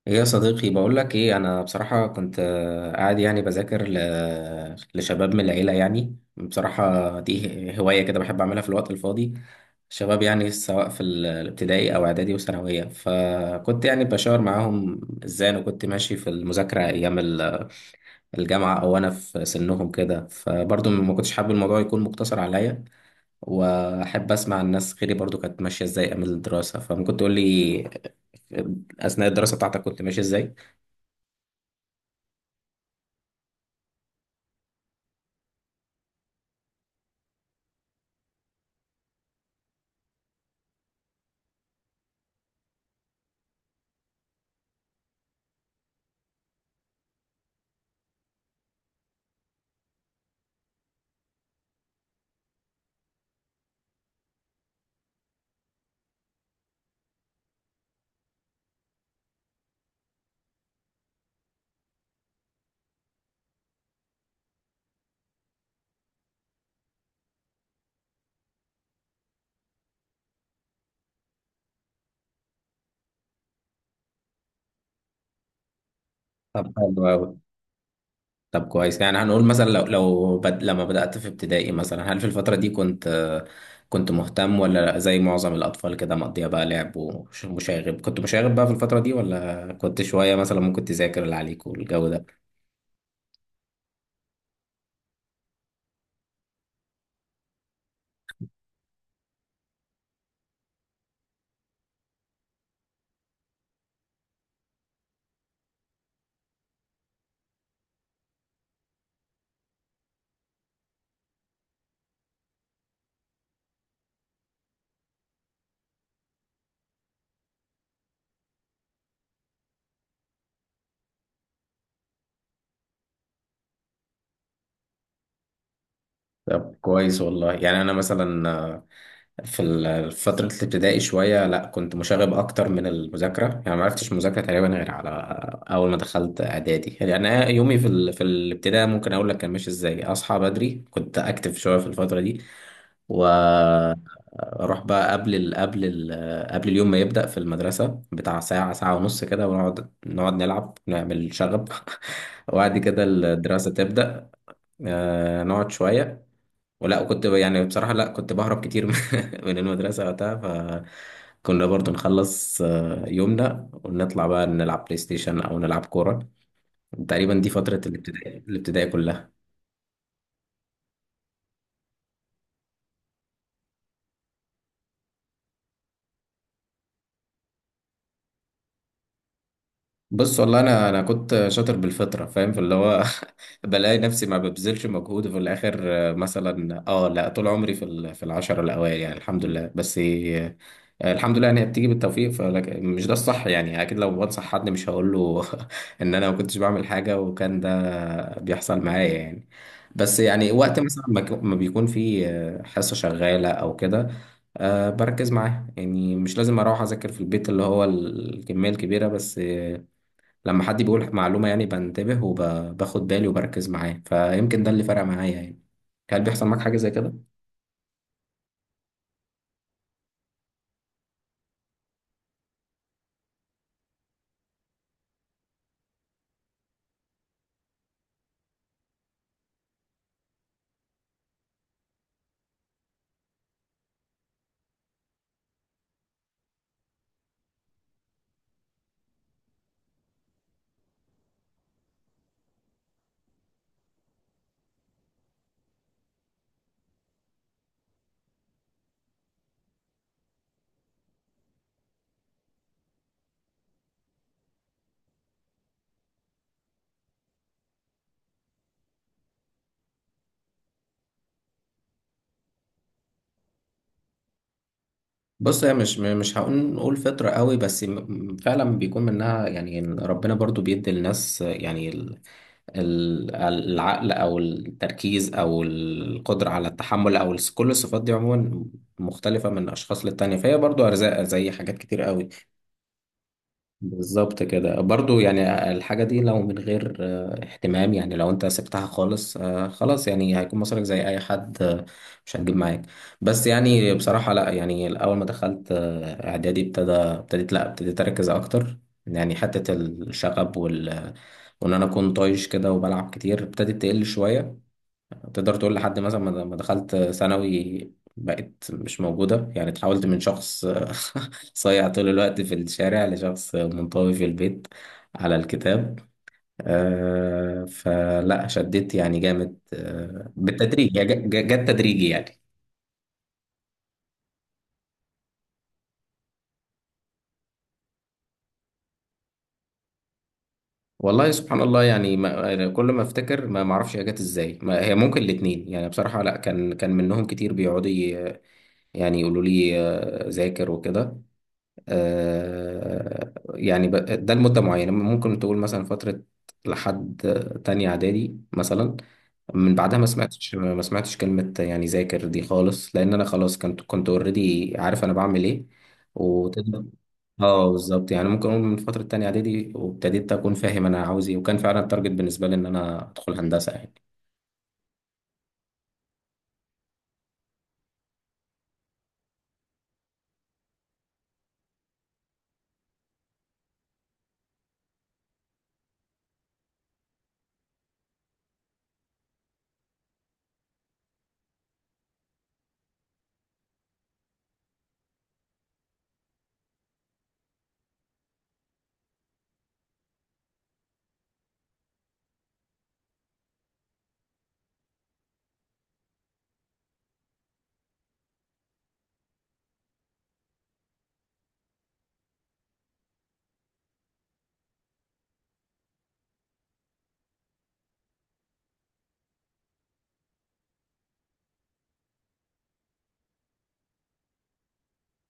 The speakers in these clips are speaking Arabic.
ايه يا صديقي، بقول لك ايه. انا بصراحة كنت قاعد، يعني بذاكر لشباب من العيلة. يعني بصراحة دي هواية كده بحب اعملها في الوقت الفاضي. شباب يعني سواء في الابتدائي او اعدادي وثانوية، فكنت يعني بشاور معاهم ازاي انا كنت ماشي في المذاكرة ايام الجامعة، او انا في سنهم كده. فبرضه ما كنتش حابب الموضوع يكون مقتصر عليا، واحب اسمع الناس غيري برضه كانت ماشية ازاي ايام الدراسة. فممكن تقول لي، آه، اثناء الدراسة بتاعتك كنت ماشي ازاي؟ طب حلو أوي. طب كويس، يعني هنقول مثلا، لو لو لما بدأت في ابتدائي مثلا، هل في الفترة دي كنت مهتم، ولا زي معظم الأطفال كده مقضية بقى لعب ومشاغب؟ كنت مشاغب بقى في الفترة دي، ولا كنت شوية مثلا ممكن تذاكر اللي عليك والجو ده؟ طب كويس والله. يعني انا مثلا، في فترة الابتدائي شوية، لا كنت مشاغب أكتر من المذاكرة. يعني ما عرفتش مذاكرة تقريبا غير على، أول ما دخلت إعدادي. يعني أنا يومي في الابتدائي ممكن أقول لك كان ماشي إزاي: أصحى بدري، كنت أكتف شوية في الفترة دي، وأروح بقى قبل ال... قبل ال... آه، قبل اليوم ما يبدأ في المدرسة بتاع ساعة ساعة ونص كده، ونقعد نلعب نعمل شغب وبعد كده الدراسة تبدأ. نقعد شوية، ولا كنت يعني بصراحة لا كنت بهرب كتير من المدرسة وقتها. فكنا برضو نخلص يومنا ونطلع بقى نلعب بلاي ستيشن أو نلعب كورة. تقريبا دي فترة الابتدائي كلها. بص والله، أنا كنت شاطر بالفطرة، فاهم؟ في اللي هو بلاقي نفسي ما ببذلش مجهود، وفي الآخر مثلا، لا، طول عمري في العشرة الأوائل، يعني الحمد لله. بس الحمد لله ان هي بتيجي بالتوفيق، فلك مش ده الصح يعني. اكيد لو بنصح حد مش هقول له ان انا ما كنتش بعمل حاجه وكان ده بيحصل معايا يعني. بس يعني وقت مثلا ما ما بيكون في، حصه شغاله او كده، بركز معاها. يعني مش لازم اروح اذاكر في البيت اللي هو الكميه الكبيره، بس لما حد بيقول معلومه يعني بنتبه وباخد بالي وبركز معاه. فيمكن ده اللي فرق معايا يعني. هل بيحصل معاك حاجه زي كده؟ بص، هي مش مش نقول فطرة قوي، بس فعلا بيكون منها. يعني إن ربنا برضو بيدي للناس يعني العقل او التركيز او القدرة على التحمل او كل الصفات دي عموما مختلفة من اشخاص للتانية. فهي برضو ارزاق زي حاجات كتير قوي. بالظبط كده برضو. يعني الحاجة دي لو من غير اهتمام، يعني لو انت سبتها خالص خلاص، يعني هيكون مصارك زي اي حد، مش هتجيب معاك. بس يعني بصراحة لا، يعني الاول ما دخلت اعدادي، ابتديت، لا ابتديت اركز اكتر. يعني حتة الشغب وان انا اكون طايش كده وبلعب كتير ابتدت تقل شوية. تقدر تقول لحد مثلا ما دخلت ثانوي، بقيت مش موجودة. يعني اتحولت من شخص صايع طول الوقت في الشارع، لشخص منطوي في البيت على الكتاب. فلا شديت يعني جامد، بالتدريج، هي جت تدريجي يعني. والله سبحان الله. يعني ما أنا كل ما افتكر ما اعرفش هي جت ازاي. ما هي ممكن الاتنين. يعني بصراحة لا، كان منهم كتير بيقعدوا يعني يقولوا لي ذاكر وكده. آه، يعني ب- ده لمدة معينة، ممكن تقول مثلا فترة لحد تانية إعدادي مثلا. من بعدها ما سمعتش كلمة يعني ذاكر دي خالص، لأن أنا خلاص كنت أوريدي عارف أنا بعمل إيه. وتقدر، اه، بالظبط. يعني ممكن أقول من فترة تانية إعدادي، وابتديت أكون فاهم أنا عاوز إيه، وكان فعلا التارجت بالنسبة لي إن أنا أدخل هندسة يعني.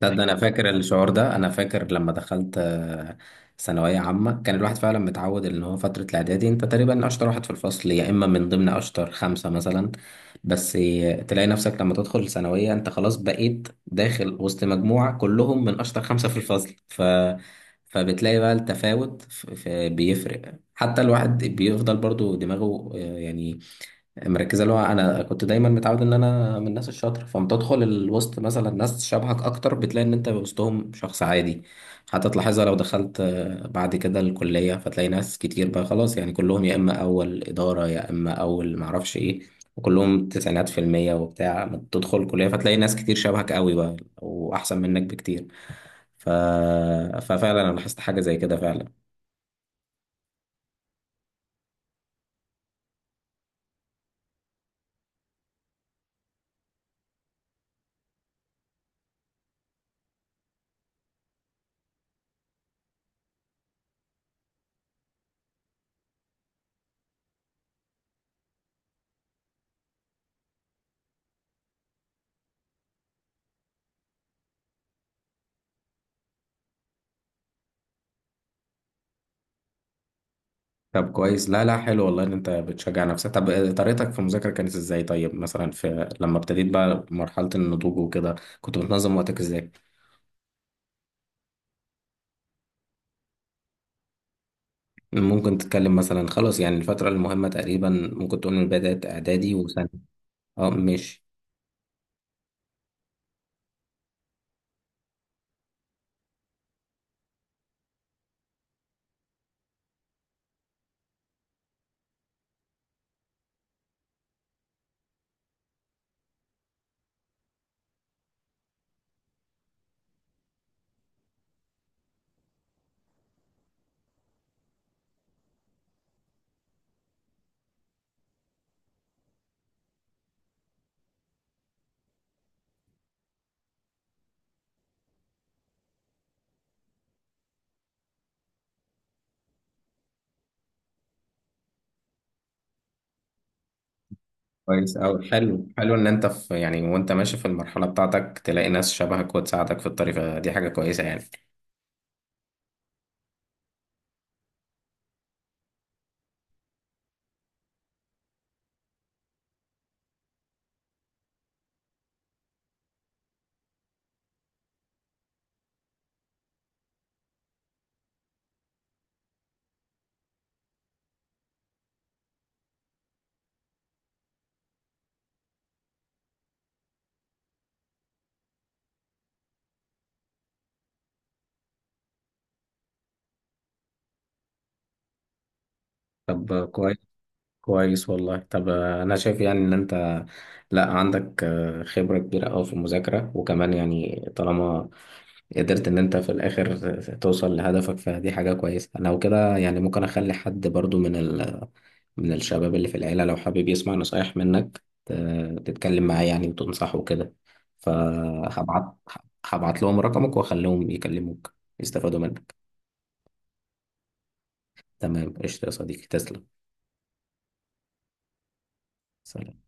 ده, ده انا فاكر الشعور ده، انا فاكر لما دخلت ثانويه عامه، كان الواحد فعلا متعود ان هو فتره الاعدادي انت تقريبا اشطر واحد في الفصل، يا اما من ضمن اشطر خمسه مثلا. بس تلاقي نفسك لما تدخل ثانويه، انت خلاص بقيت داخل وسط مجموعه كلهم من اشطر خمسه في الفصل. فبتلاقي بقى التفاوت بيفرق. حتى الواحد بيفضل برضو دماغه يعني مركزه. اللي هو انا كنت دايما متعود ان انا من الناس الشاطره، فلما تدخل الوسط مثلا ناس شبهك اكتر، بتلاقي ان انت وسطهم شخص عادي. حتى تلاحظها لو دخلت بعد كده الكليه، فتلاقي ناس كتير بقى خلاص، يعني كلهم يا اما اول اداره يا اما اول معرفش ايه، وكلهم تسعينات في المية وبتاع. ما تدخل الكلية فتلاقي ناس كتير شبهك قوي بقى، وأحسن منك بكتير. ف... ففعلا أنا لاحظت حاجة زي كده فعلا. طب كويس. لا لا، حلو والله ان انت بتشجع نفسك. طب طريقتك في المذاكره كانت ازاي؟ طيب مثلا، لما ابتديت بقى مرحله النضوج وكده، كنت بتنظم وقتك ازاي؟ ممكن تتكلم مثلا، خلاص يعني الفتره المهمه تقريبا ممكن تقول من بدايه اعدادي وثانوي. اه ماشي. كويس أوي. حلو حلو ان انت، في يعني وانت ماشي في المرحله بتاعتك، تلاقي ناس شبهك وتساعدك في الطريق، فدي حاجه كويسه يعني. طب كويس. كويس والله. طب انا شايف يعني ان انت لا عندك خبرة كبيرة قوي في المذاكرة، وكمان يعني طالما قدرت ان انت في الاخر توصل لهدفك، فدي حاجة كويسة انا وكده. يعني ممكن اخلي حد برضو من، من الشباب اللي في العيلة، لو حابب يسمع نصايح منك، تتكلم معاه يعني وتنصحه كده. فهبعت هبعت لهم رقمك واخليهم يكلموك، يستفادوا منك. تمام قشطة يا صديقي، تسلم. سلام.